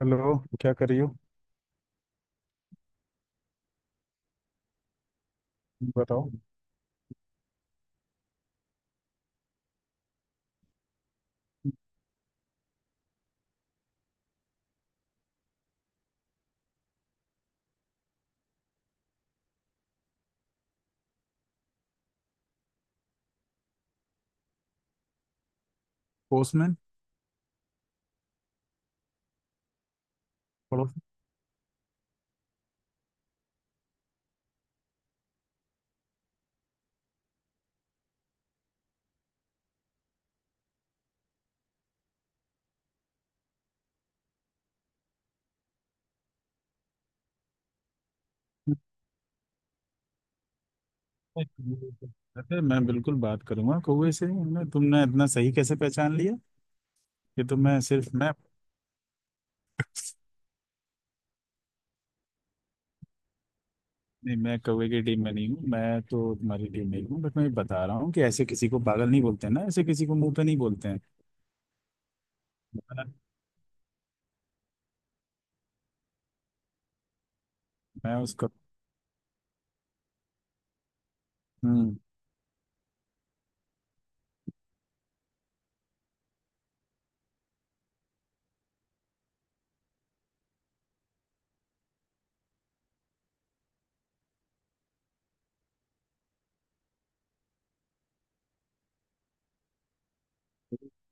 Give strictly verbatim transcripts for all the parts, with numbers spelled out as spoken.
Hello. क्या कर रही हो? बताओ। पोस्टमैन। पड़ोस। अरे, मैं बिल्कुल बात करूंगा कौवे से। हमने, तुमने इतना सही कैसे पहचान लिया? कि तो मैं सिर्फ, मैं... नहीं, मैं कौवे की टीम में नहीं हूँ, मैं तो तुम्हारी टीम में ही हूँ। बट मैं ये बता रहा हूँ कि ऐसे किसी को पागल नहीं बोलते ना, ऐसे किसी को मुंह पे नहीं बोलते हैं। मैं मैं उसका। हम्म।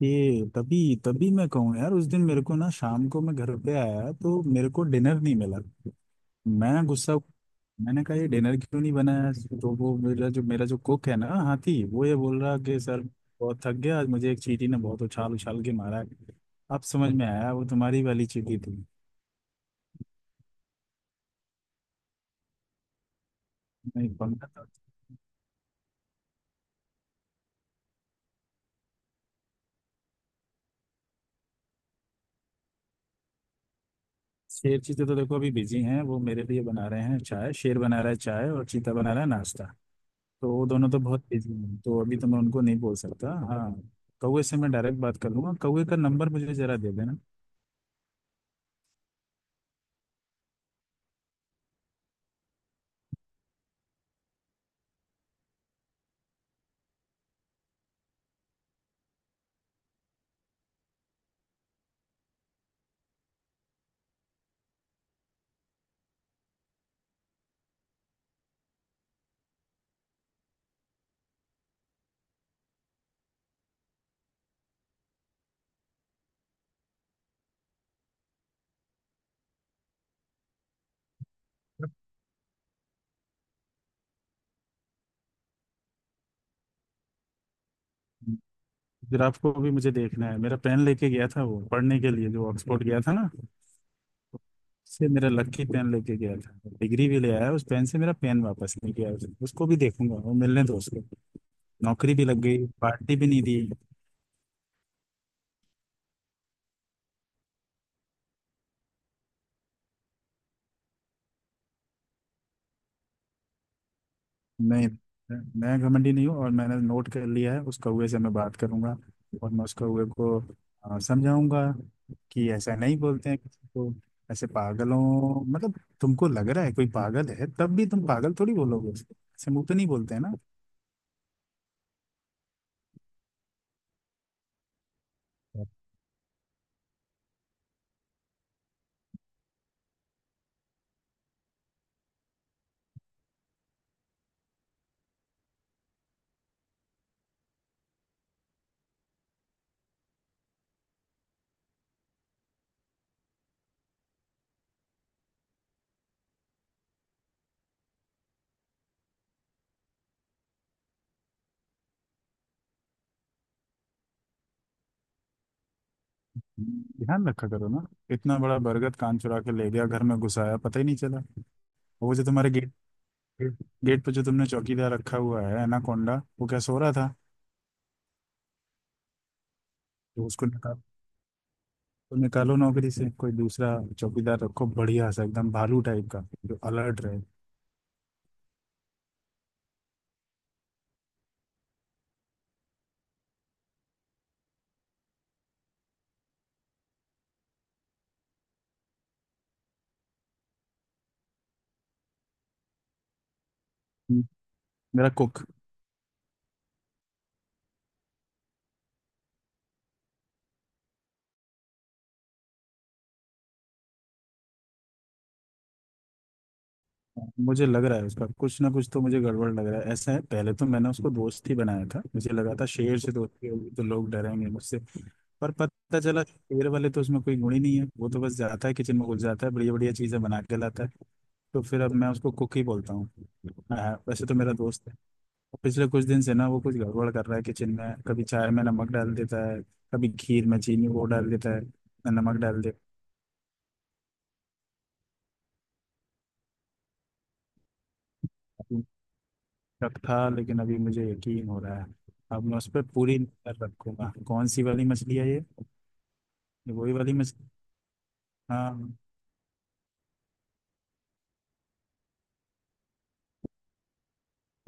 ये तभी तभी मैं कहूँ, यार उस दिन मेरे को ना शाम को मैं घर पे आया तो मेरे को डिनर नहीं मिला। मैं गुस्सा। मैंने कहा ये डिनर क्यों नहीं बनाया? तो वो मेरा जो मेरा जो कुक है ना, हाथी, वो ये बोल रहा कि सर बहुत थक गया आज, मुझे एक चींटी ने बहुत उछाल उछाल के मारा है। अब समझ में आया, वो तुम्हारी वाली चींटी थी। नहीं, पंखा था। शेर चीते तो देखो अभी बिजी हैं, वो मेरे लिए बना रहे हैं चाय। शेर बना रहा है चाय और चीता बना रहा है नाश्ता। तो वो दोनों तो बहुत बिजी हैं, तो अभी तो मैं उनको नहीं बोल सकता। हाँ, कौवे से मैं डायरेक्ट बात कर लूंगा। कौवे का नंबर मुझे जरा दे देना। जिराफ को भी मुझे देखना है। मेरा पेन लेके गया था वो, पढ़ने के लिए जो ऑक्सफोर्ड गया था ना, उससे मेरा लकी पेन लेके गया था। डिग्री भी ले आया उस पेन से, मेरा पेन वापस नहीं किया उसने। उसको भी देखूंगा, वो मिलने दो उसको। नौकरी भी लग गई, पार्टी भी नहीं दी। नहीं, मैं घमंडी नहीं हूँ, और मैंने नोट कर लिया है। उस कौवे से मैं बात करूंगा और मैं उस कौवे को आ, समझाऊंगा कि ऐसा नहीं बोलते हैं किसी को। ऐसे पागलों... मतलब तुमको लग रहा है कोई पागल है, तब भी तुम पागल थोड़ी बोलोगे उसको? ऐसे मुंह पे नहीं बोलते हैं ना। ध्यान रखा करो ना। इतना बड़ा बरगद कान चुरा के ले गया, घर में घुसाया पता ही नहीं चला। वो जो तुम्हारे गेट गेट पे जो तुमने चौकीदार रखा हुआ है, एनाकोंडा, वो क्या सो रहा था? तो उसको निकाल, तो निकालो नौकरी से, कोई दूसरा चौकीदार रखो, बढ़िया सा, एकदम भालू टाइप का, जो अलर्ट रहे। मेरा मुझे लग रहा है उसका कुछ ना कुछ तो मुझे गड़बड़ लग रहा है। ऐसा है, पहले तो मैंने उसको दोस्त ही बनाया था। मुझे लगा था शेर से दोस्ती होगी तो लोग डरेंगे मुझसे, पर पता चला शेर वाले तो उसमें कोई गुण ही नहीं है। वो तो बस जाता है किचन में घुस जाता है, बढ़िया बढ़िया चीजें बना के लाता है। तो फिर अब मैं उसको कुक ही बोलता हूँ। हाँ, वैसे तो मेरा दोस्त है। पिछले कुछ दिन से ना वो कुछ गड़बड़ कर रहा है किचन में, कभी चाय में नमक डाल देता है, कभी खीर में चीनी वो डाल देता है। नमक डाल देता है। शक था लेकिन अभी मुझे यकीन हो रहा है। अब मैं उस पर पूरी नजर रखूंगा। कौन सी वाली मछली है ये? ये वही वाली मछली। हाँ।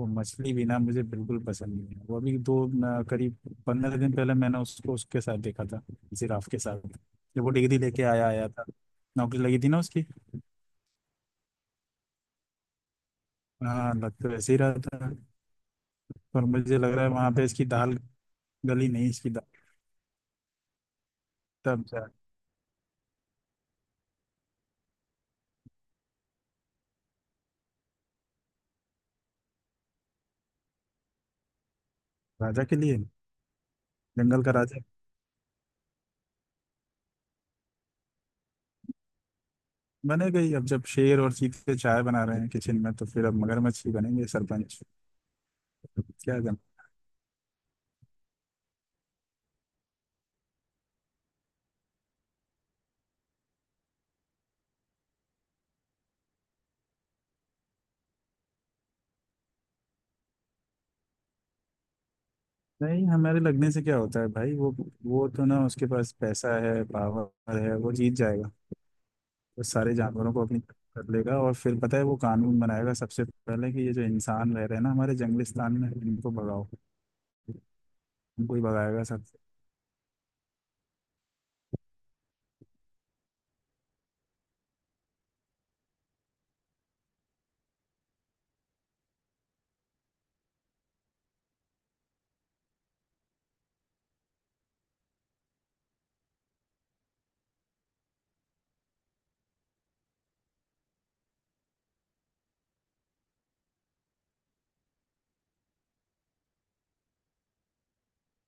वो मछली भी ना मुझे बिल्कुल पसंद नहीं है। वो अभी दो न, करीब पंद्रह दिन पहले मैंने उसको उसके साथ देखा था, जिराफ के साथ, जब वो डिग्री लेके आया आया था, नौकरी लगी थी ना उसकी। हाँ, लग तो वैसे ही रहा था पर मुझे लग रहा है वहां पे इसकी दाल गली नहीं, इसकी दाल... तब जा- राजा के लिए। जंगल का राजा बने गई। अब जब शेर और चीते चाय बना रहे हैं किचन में तो फिर अब मगरमच्छ ही बनेंगे सरपंच। क्या जम... नहीं, हमारे लगने से क्या होता है भाई? वो वो तो ना, उसके पास पैसा है, पावर है, वो जीत जाएगा। वो सारे जानवरों को अपनी तरफ कर लेगा और फिर पता है वो कानून बनाएगा सबसे पहले कि ये जो इंसान रह रहे हैं ना हमारे जंगलिस्तान में, इनको भगाओ। इनको ही भगाएगा सब।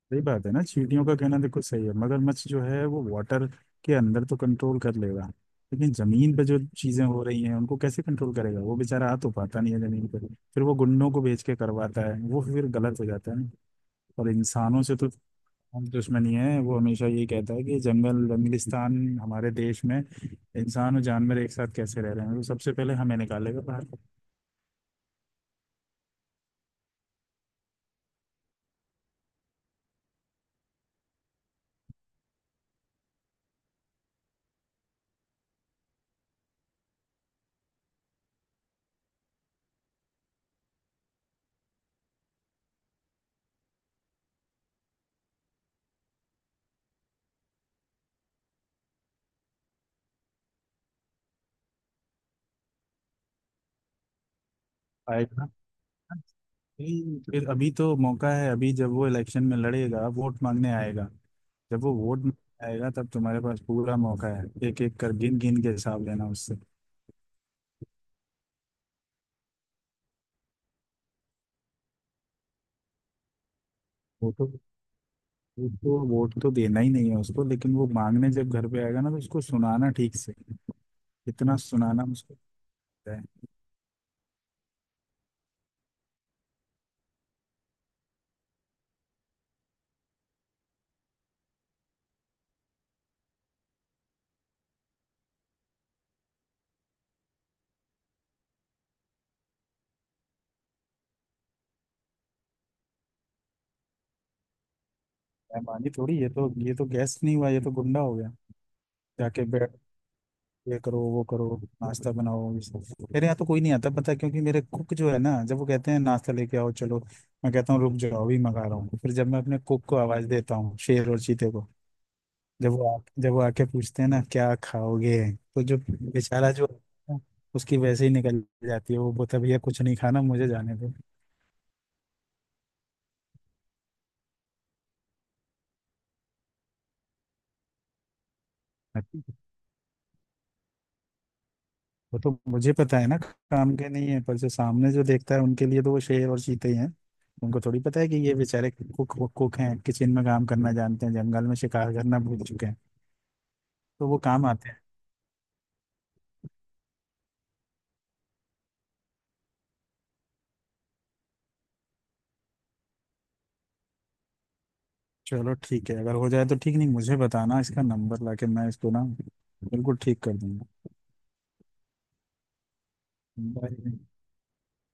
सही बात है ना, चींटियों का कहना देखो सही है। मगरमच्छ जो है वो वाटर के अंदर तो कंट्रोल कर लेगा, लेकिन जमीन पे जो चीजें हो रही हैं उनको कैसे कंट्रोल करेगा? वो बेचारा आ तो पाता नहीं है जमीन पे, फिर वो गुंडों को बेच के करवाता है, वो फिर गलत हो जाता है ना। और इंसानों से तो हम दुश्मनी है। वो हमेशा यही कहता है कि जंगल, जंगलिस्तान हमारे देश में इंसान और जानवर एक साथ कैसे रह रहे हैं, वो सबसे पहले हमें निकालेगा बाहर। आएगा। नहीं, फिर अभी तो मौका है। अभी जब वो इलेक्शन में लड़ेगा, वोट मांगने आएगा। जब वो वोट मांगने आएगा तब तुम्हारे पास पूरा मौका है, एक एक कर गिन गिन के हिसाब लेना उससे। वो तो, उसको वोट तो देना ही नहीं है उसको, लेकिन वो मांगने जब घर पे आएगा ना तो उसको सुनाना ठीक से। इतना सुनाना उसको है। बेईमानी थोड़ी, ये तो ये तो गैस नहीं हुआ, ये तो गुंडा हो गया। जाके बैठ, ये करो वो करो, नाश्ता बनाओ, ये सब। मेरे यहाँ तो कोई नहीं आता पता है, क्योंकि मेरे कुक जो है ना, जब वो कहते हैं नाश्ता लेके आओ चलो, मैं कहता हूँ रुक जाओ अभी मंगा रहा हूँ। फिर जब मैं अपने कुक को आवाज देता हूँ, शेर और चीते को, जब वो आ, जब वो आके पूछते हैं ना क्या खाओगे, तो जो बेचारा जो होता है, उसकी वैसे ही निकल जाती है। वो बोलता है, भैया कुछ नहीं खाना, मुझे जाने दो। वो तो मुझे पता है ना, काम के नहीं है, पर जो सामने जो देखता है उनके लिए तो वो शेर और चीते ही हैं। उनको थोड़ी पता है कि ये बेचारे कुक कुक हैं, किचन में काम करना जानते हैं, जंगल में शिकार करना भूल चुके हैं, तो वो काम आते हैं। चलो ठीक है, अगर हो जाए तो ठीक, नहीं मुझे बताना इसका नंबर, लाके मैं इसको ना बिल्कुल ठीक कर दूंगा। बाय।